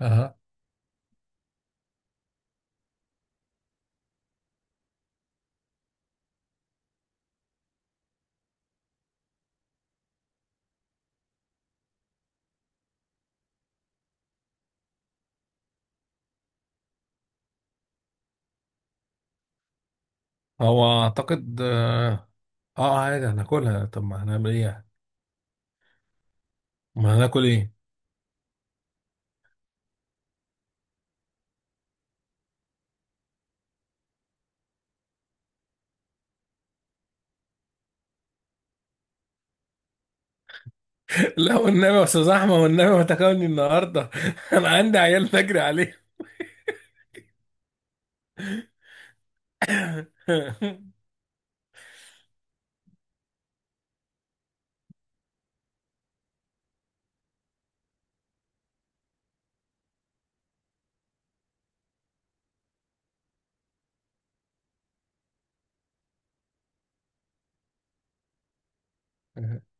أه. هو اعتقد عادي هناكلها. طب ما هنعمل ايه يعني؟ ما هناكل ايه. لا والنبي يا استاذ احمد، والنبي ما تاكلني النهارده. انا عندي عيال نجري عليه.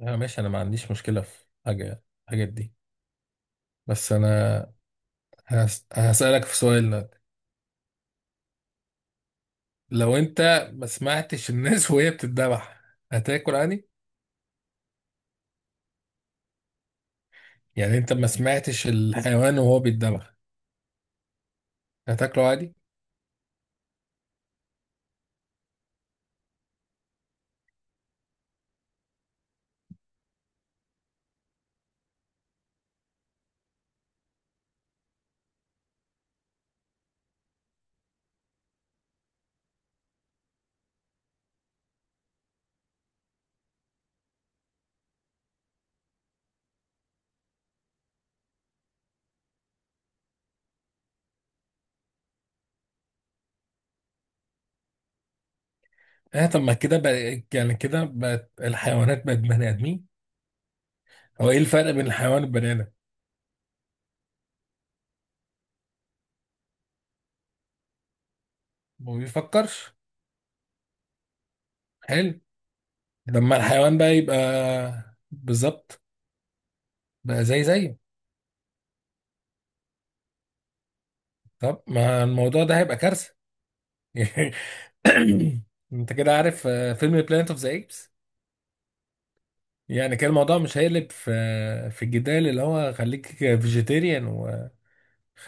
لا ماشي، انا ما عنديش مشكلة في الحاجات دي. بس انا هسألك في سؤال لك. لو انت ما سمعتش الناس وهي بتتذبح، هتاكل عادي؟ يعني انت ما سمعتش الحيوان وهو بيتذبح، هتاكله عادي؟ اه، طب ما كده بقى، يعني كده بقت الحيوانات بقت بني ادمين. هو ايه الفرق بين الحيوان والبني ادم؟ ما بيفكرش. حلو. لما الحيوان بقى يبقى بالظبط، بقى زي زيه. طب ما الموضوع ده هيبقى كارثة. انت كده عارف فيلم بلانت اوف ذا ايبس. يعني كان الموضوع مش هيقلب في الجدال، اللي هو خليك فيجيتيريان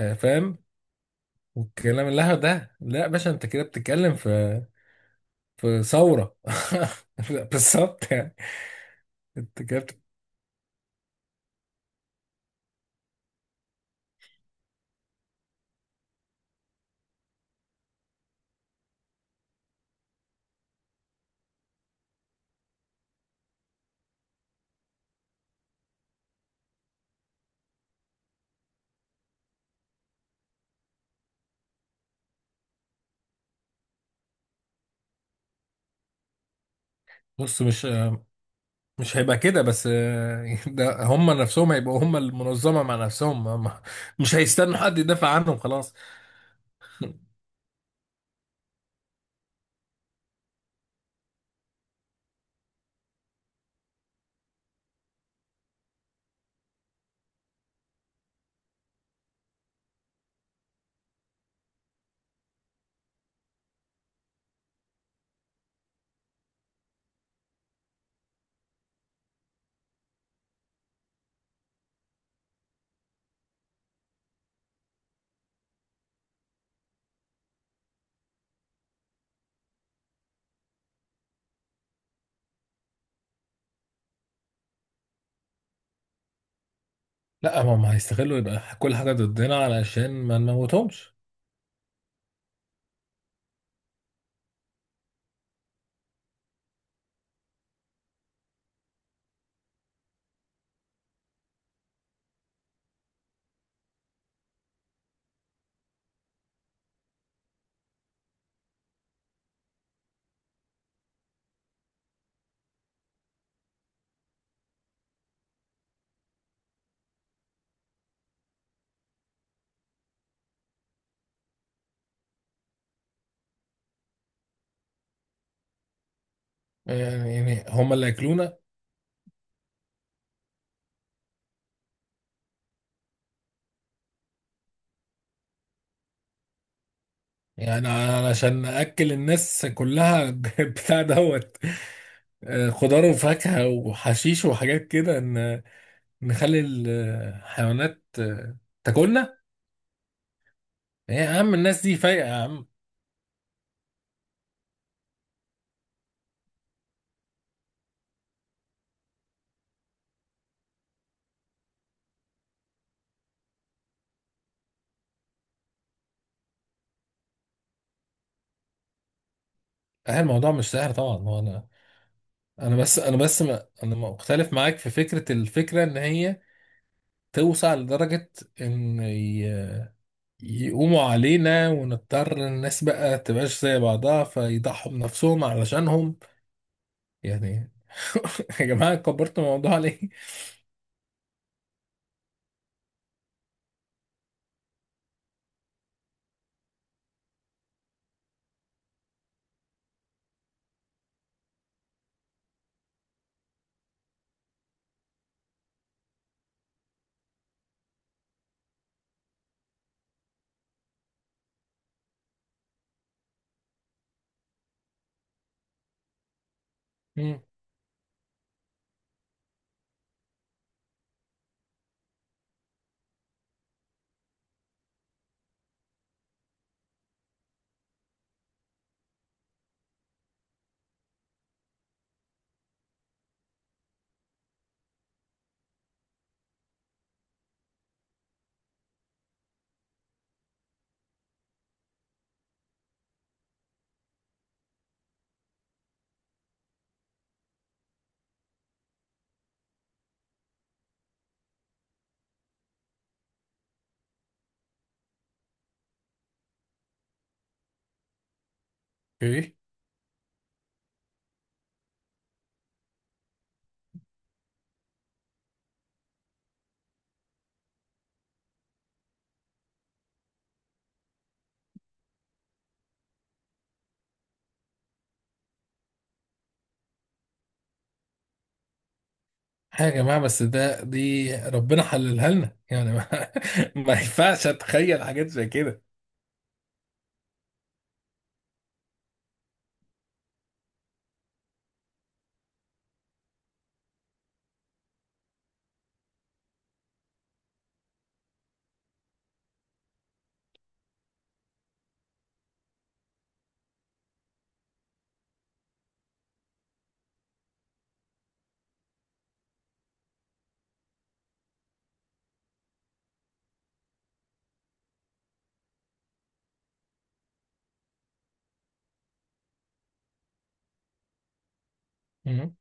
وفاهم والكلام اللهو ده. لا يا باشا، انت كده بتتكلم في ثورة. لا، بالظبط يعني. انت كده بت- بص، مش هيبقى كده بس. ده هم نفسهم هيبقوا هم المنظمة مع نفسهم هم. مش هيستنوا حد يدافع عنهم، خلاص. لا، هم هيستغلوا يبقى كل حاجة ضدنا علشان ما نموتهمش. يعني هما اللي ياكلونا. يعني أنا عشان اكل الناس كلها، بتاع دوت، خضار وفاكهه وحشيش وحاجات كده، ان نخلي الحيوانات تاكلنا. إيه يا عم، الناس دي فايقه يا عم. الموضوع مش سهل طبعا. هو انا بس ما انا مختلف معاك في الفكره. ان هي توسع لدرجه ان يقوموا علينا ونضطر الناس بقى تبقاش زي بعضها، فيضحوا بنفسهم علشانهم يعني. يا جماعة، كبرتوا الموضوع ليه؟ مم. ايه؟ يا جماعة بس دي ربنا حللها لنا يعني، ما, ما ينفعش اتخيل حاجات زي كده. مم.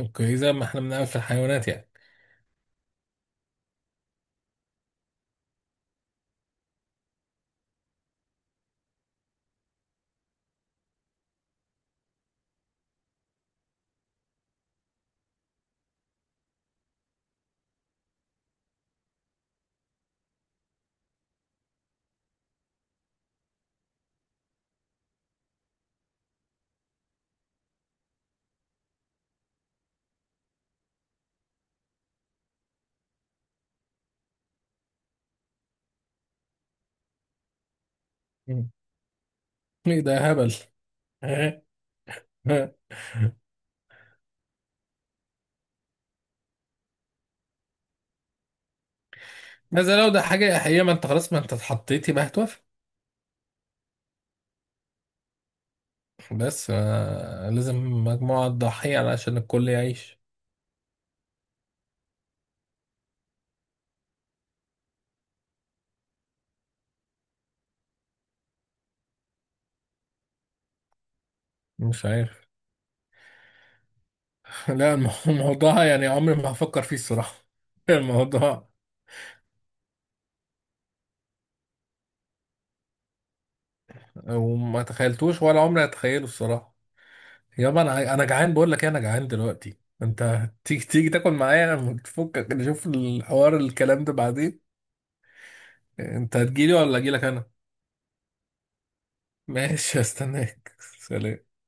اوكي، زي ما احنا بنعمل في الحيوانات يعني. مم. ايه ده، هبل. بس لو ده حاجة حقيقية، ما انت خلاص، ما انت اتحطيتي بقى، هتوافق. بس لازم مجموعة تضحية علشان الكل يعيش. مش عارف. لا. الموضوع يعني عمري ما هفكر فيه الصراحة. الموضوع، وما تخيلتوش ولا عمري هتخيله الصراحه. يابا انا جعان بقول لك إيه، انا جعان دلوقتي انت. تيجي تيجي تاكل معايا، تفكك نشوف الحوار الكلام ده بعدين. انت هتجيلي ولا اجيلك انا؟ ماشي، هستناك. سلام.